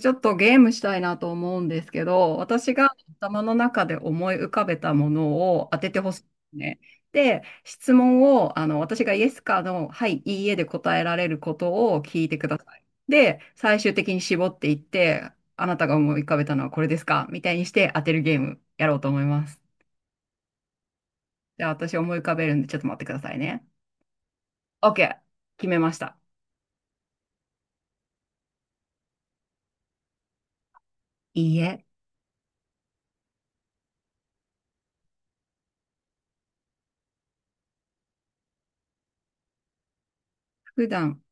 ちょっとゲームしたいなと思うんですけど、私が頭の中で思い浮かべたものを当ててほしいんですね。で、質問を、私がイエスかの、はい、いいえで答えられることを聞いてください。で、最終的に絞っていって、あなたが思い浮かべたのはこれですかみたいにして当てるゲームやろうと思います。じゃあ私思い浮かべるんでちょっと待ってくださいね。OK。決めました。いいえ。普段、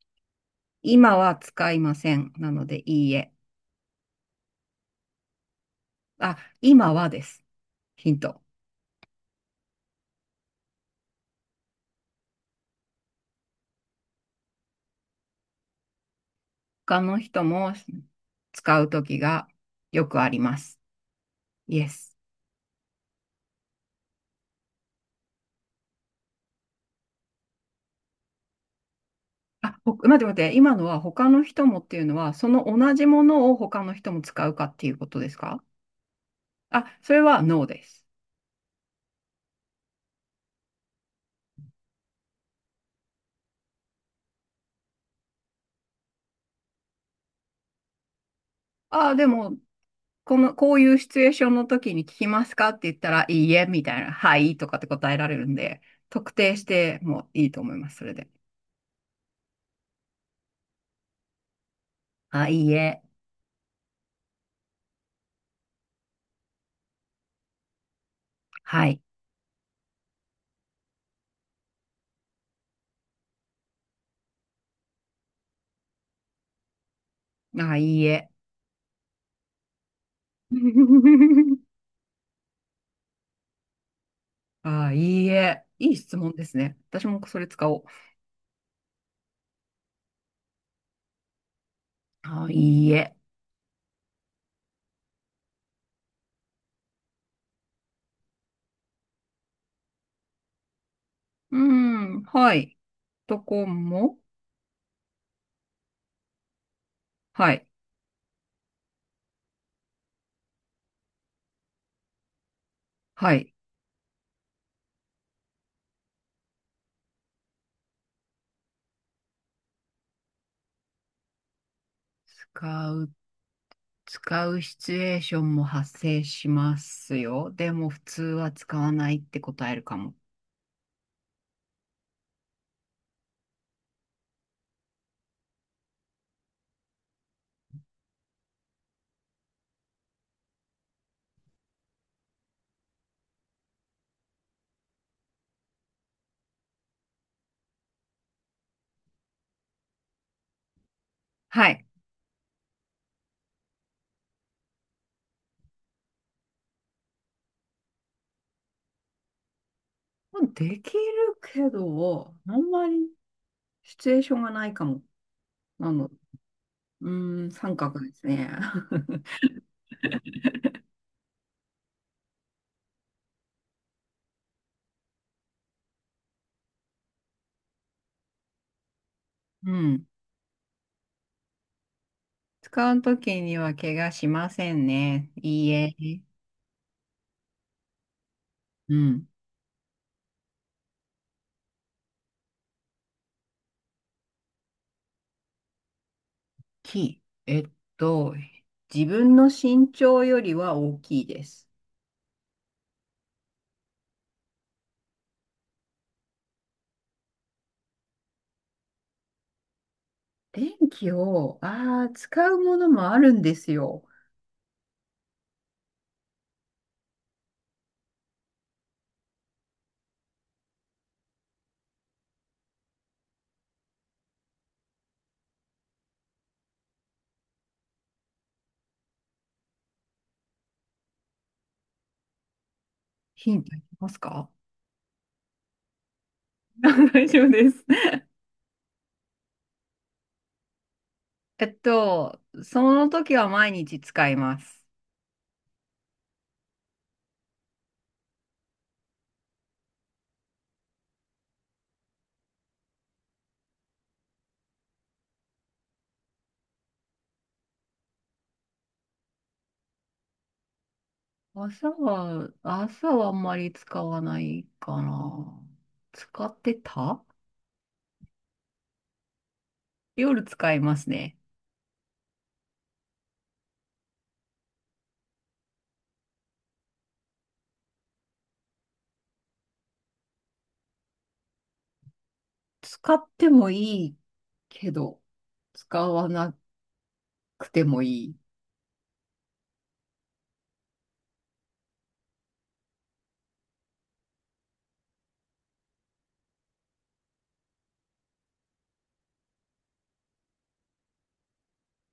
今は使いません。なので、いいえ。あ、今はです。ヒント。他の人も使うときがよくあります。イエス。あ、待って待って。今のは他の人もっていうのは、その同じものを他の人も使うかっていうことですか？あ、それはノーです。あ、でも、この、こういうシチュエーションの時に聞きますかって言ったら、いいえ、みたいな、はい、とかって答えられるんで、特定してもいいと思います、それで。あ、いいえ、はい。あ、いいえ。あ、いいえ。いい質問ですね。私もそれ使おう。あ、いいえ。うん、はい。とこも、はい、はい。使う、使うシチュエーションも発生しますよ。でも、普通は使わないって答えるかも。はい。できるけど、あんまりシチュエーションがないかも。なの、うーん、三角ですね。うん。使うときには怪我しませんね。いいえ。うん。きい。と、自分の身長よりは大きいです。電気を、ああ、使うものもあるんですよ。ヒントいきますか？ 大丈夫です。その時は毎日使います。朝はあんまり使わないかな。使ってた。夜使いますね。使ってもいいけど、使わなくてもいい。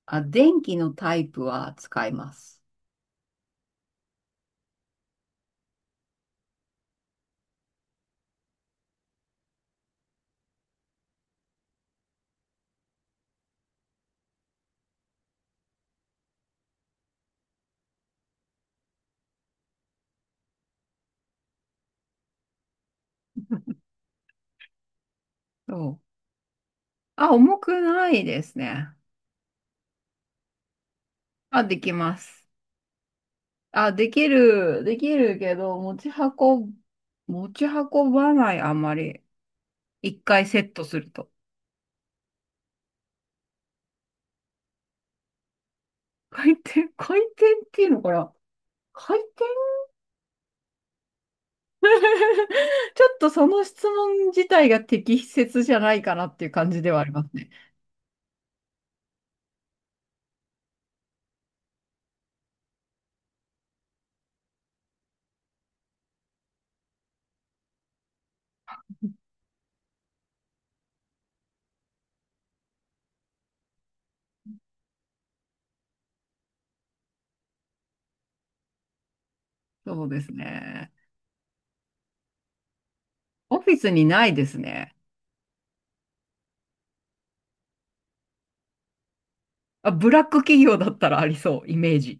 あ、電気のタイプは使います。そう。あ、重くないですね。あ、できます。あ、できる、できるけど、持ち運ぶ、持ち運ばない、あんまり。一回セットすると。回転っていうのかな？回転。 ちょっとその質問自体が適切じゃないかなっていう感じではありますね。そうですね。オフィスにないですね。あ、ブラック企業だったらありそう、イメージ。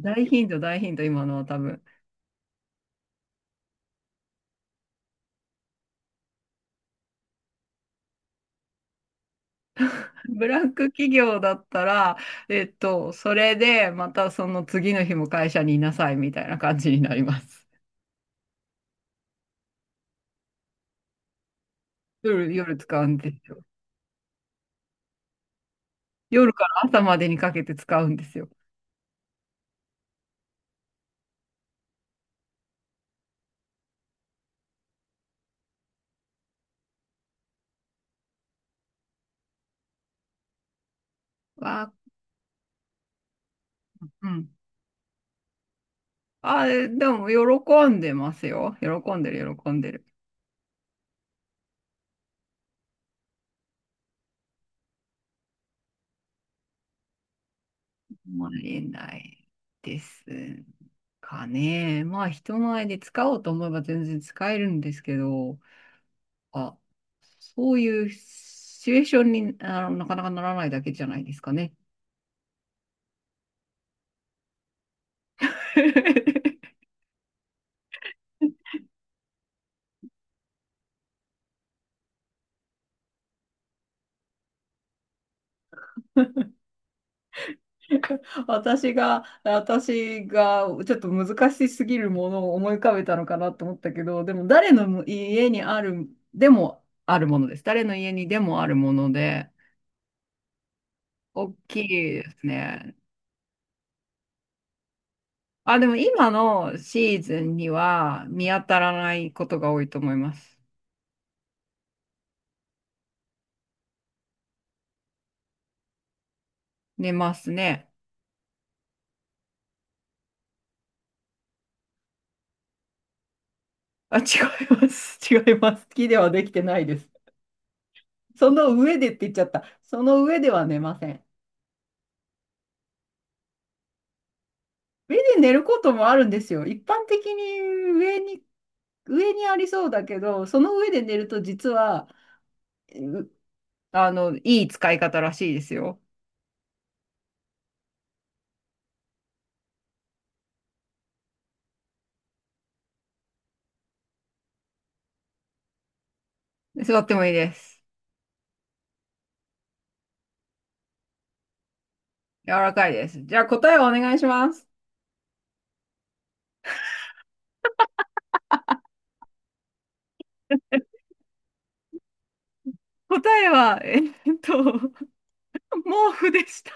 大ヒント、大ヒント、今のは多分。ブラック企業だったら、それで、またその次の日も会社にいなさいみたいな感じになります。夜使うんですよ。夜から朝までにかけて使うんですよ。わあ、うん。あ、えでも、喜んでますよ。喜んでる、喜んでる。もらえないですかね。まあ、人前で使おうと思えば全然使えるんですけど、あ、そういうシチュエーションになかなかならないだけじゃないですかね。私がちょっと難しすぎるものを思い浮かべたのかなと思ったけど、でも誰の家にある、でもあるものです。誰の家にでもあるもので、大きいですね。あ、でも今のシーズンには見当たらないことが多いと思います。寝ますね。あ、違います。違います。好きではできてないです。その上でって言っちゃった。その上では寝ません。上で寝ることもあるんですよ。一般的に上にありそうだけど、その上で寝ると実は、うあの、いい使い方らしいですよ。座ってもいいです。柔らかいです。じゃあ答えをお願いします。答えは、と、毛布でした。